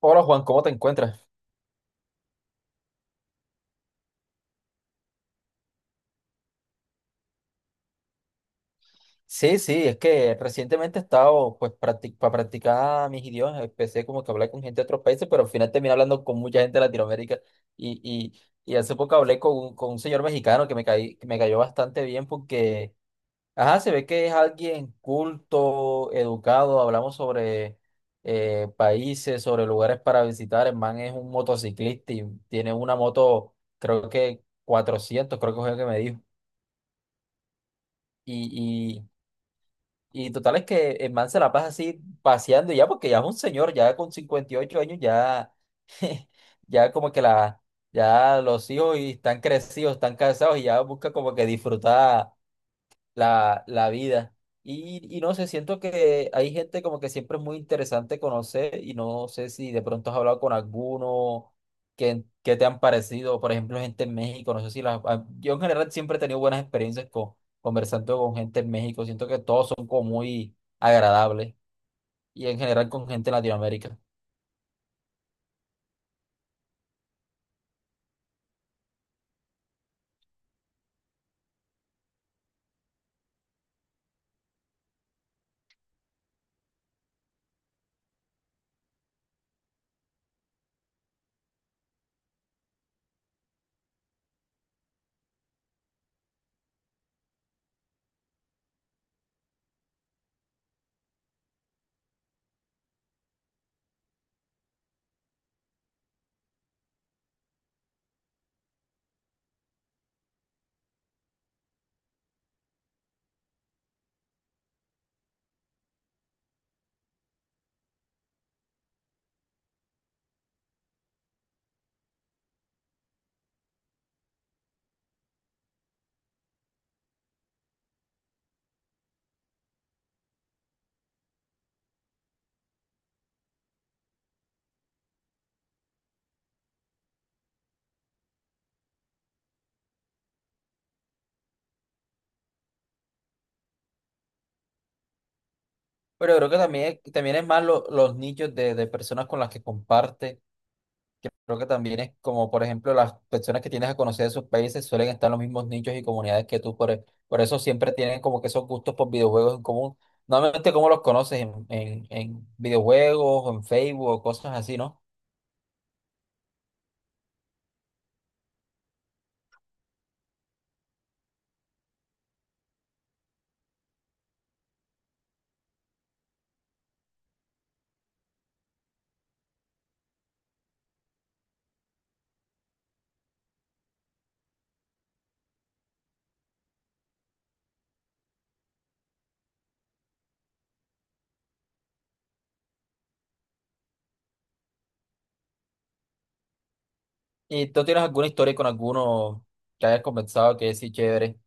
Hola Juan, ¿cómo te encuentras? Sí, sí, es que recientemente he estado, pues, para practicar mis idiomas, empecé como que a hablar con gente de otros países, pero al final terminé hablando con mucha gente de Latinoamérica y, y hace poco hablé con con un señor mexicano que que me cayó bastante bien porque, ajá, se ve que es alguien culto, educado, hablamos sobre países, sobre lugares para visitar, el man es un motociclista y tiene una moto, creo que 400, creo que fue lo que me dijo. Y total es que el man se la pasa así paseando ya, porque ya es un señor, ya con 58 años, ya, ya como que la, ya los hijos y están crecidos, están casados y ya busca como que disfrutar la vida. Y no sé, siento que hay gente como que siempre es muy interesante conocer y no sé si de pronto has hablado con alguno que te han parecido, por ejemplo, gente en México, no sé si yo en general siempre he tenido buenas experiencias con, conversando con gente en México, siento que todos son como muy agradables y en general con gente en Latinoamérica. Pero creo que también, también es más los nichos de personas con las que comparte que creo que también es como, por ejemplo, las personas que tienes a conocer de sus países suelen estar en los mismos nichos y comunidades que tú, por eso siempre tienen como que esos gustos por videojuegos en común. Normalmente, ¿cómo los conoces? En videojuegos, o en Facebook, o cosas así, ¿no? ¿Y tú tienes alguna historia con alguno que hayas conversado que sí, chévere?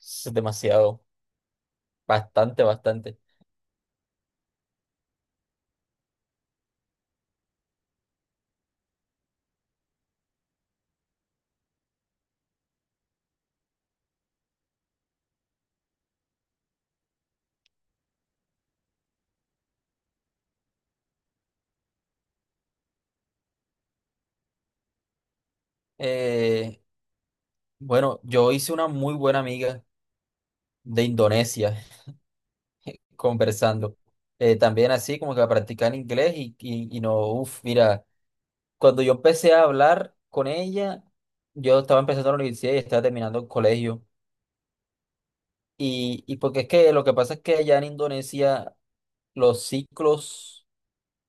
Es demasiado, bastante, bastante. Eh, bueno, yo hice una muy buena amiga de Indonesia conversando. También así como que a practicar inglés y no, uff, mira, cuando yo empecé a hablar con ella, yo estaba empezando la universidad y estaba terminando el colegio. Y porque es que lo que pasa es que allá en Indonesia los ciclos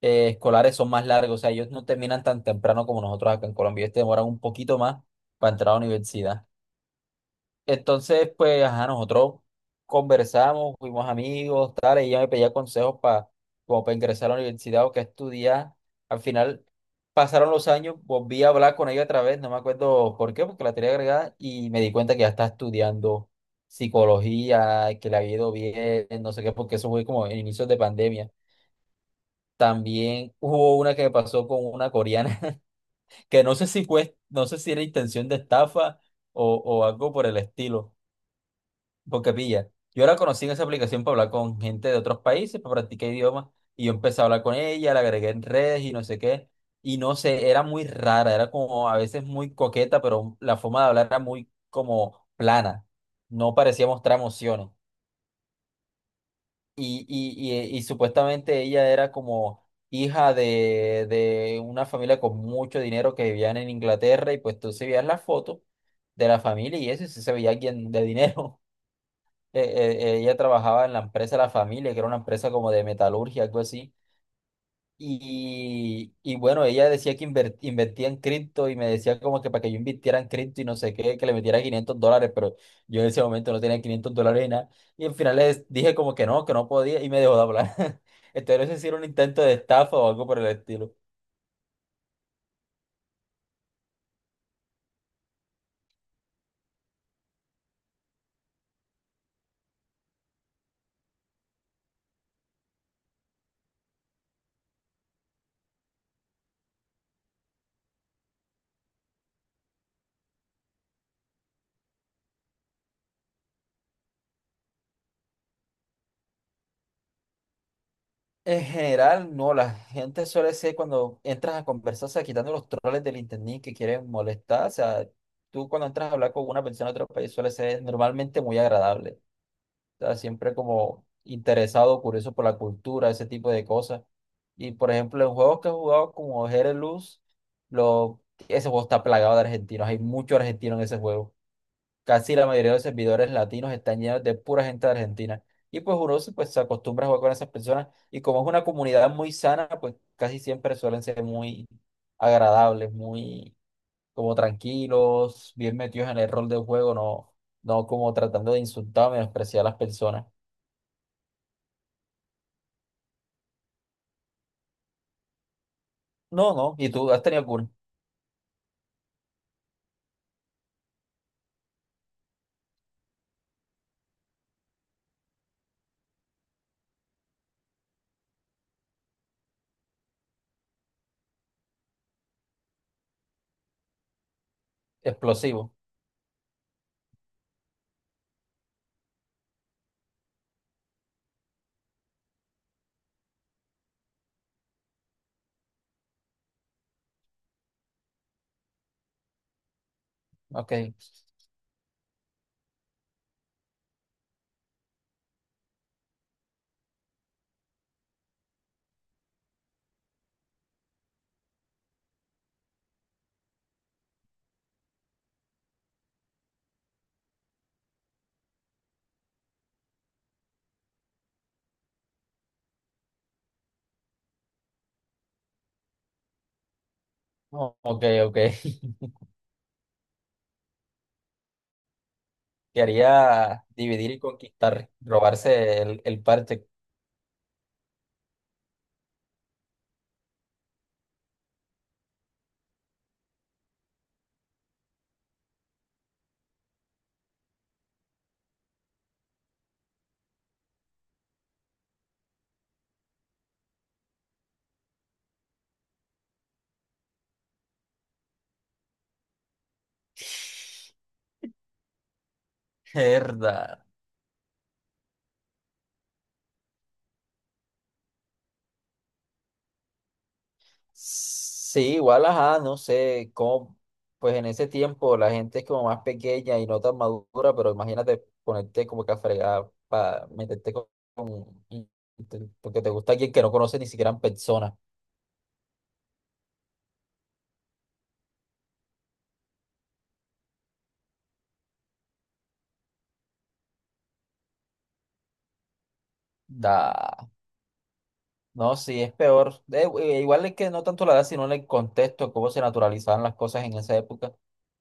escolares son más largos, o sea, ellos no terminan tan temprano como nosotros acá en Colombia, ellos te demoran un poquito más para entrar a la universidad. Entonces, pues, ajá, nosotros conversamos, fuimos amigos, tal, y ella me pedía consejos para, como para ingresar a la universidad o qué estudiar. Al final, pasaron los años, volví a hablar con ella otra vez, no me acuerdo por qué, porque la tenía agregada, y me di cuenta que ya está estudiando psicología, que le había ido bien, no sé qué, porque eso fue como en inicios de pandemia. También hubo una que me pasó con una coreana, que no sé si fue, no sé si era intención de estafa o algo por el estilo porque pilla, yo la conocí en esa aplicación para hablar con gente de otros países, para practicar idiomas, y yo empecé a hablar con ella, la agregué en redes y no sé qué, y no sé, era muy rara, era como a veces muy coqueta, pero la forma de hablar era muy como plana, no parecía mostrar emociones. Y supuestamente ella era como hija de una familia con mucho dinero que vivían en Inglaterra, y pues tú se veías la foto de la familia y eso, y sí se veía alguien de dinero. Ella trabajaba en la empresa de la familia, que era una empresa como de metalurgia, algo así. Y bueno, ella decía que invertía en cripto y me decía como que para que yo invirtiera en cripto y no sé qué, que le metiera $500, pero yo en ese momento no tenía $500 ni nada. Y al final les dije como que no podía y me dejó de hablar. Entonces, no sé si era un intento de estafa o algo por el estilo. En general, no, la gente suele ser cuando entras a conversar, o sea, quitando los troles del internet que quieren molestar, o sea, tú cuando entras a hablar con una persona de otro país suele ser normalmente muy agradable, o sea, siempre como interesado, curioso por la cultura, ese tipo de cosas. Y por ejemplo, en juegos que he jugado como Jerez Luz, lo, ese juego está plagado de argentinos, hay mucho argentino en ese juego. Casi la mayoría de los servidores latinos están llenos de pura gente de Argentina. Y pues pues, se acostumbra a jugar con esas personas. Y como es una comunidad muy sana, pues casi siempre suelen ser muy agradables, muy como tranquilos, bien metidos en el rol del juego, no, no como tratando de insultar o menospreciar a las personas. No, no. ¿Y tú has tenido algún explosivo? Ok. No, ok, ok. Quería dividir y conquistar, robarse el parche. Herda. Sí, igual, ajá, no sé cómo, pues en ese tiempo la gente es como más pequeña y no tan madura, pero imagínate ponerte como que a fregar para meterte con- y- porque te gusta alguien que no conoce ni siquiera en persona. Da, no, sí, es peor. Igual es que no tanto la edad, sino en el contexto, cómo se naturalizaban las cosas en esa época.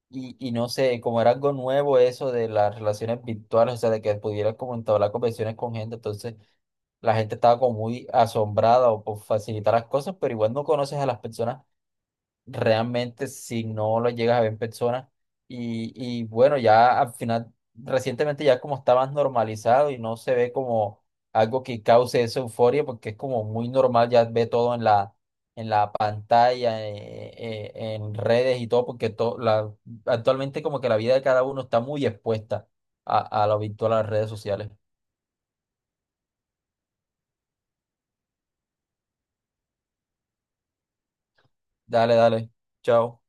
Y no sé, como era algo nuevo eso de las relaciones virtuales, o sea, de que pudieras como entablar conversaciones con gente, entonces la gente estaba como muy asombrada o por facilitar las cosas, pero igual no conoces a las personas realmente si no lo llegas a ver en persona. Y bueno, ya al final, recientemente ya como está más normalizado y no se ve como algo que cause esa euforia, porque es como muy normal, ya ve todo en en la pantalla, en redes y todo, porque actualmente como que la vida de cada uno está muy expuesta a lo virtual, a las redes sociales. Dale, dale, chao.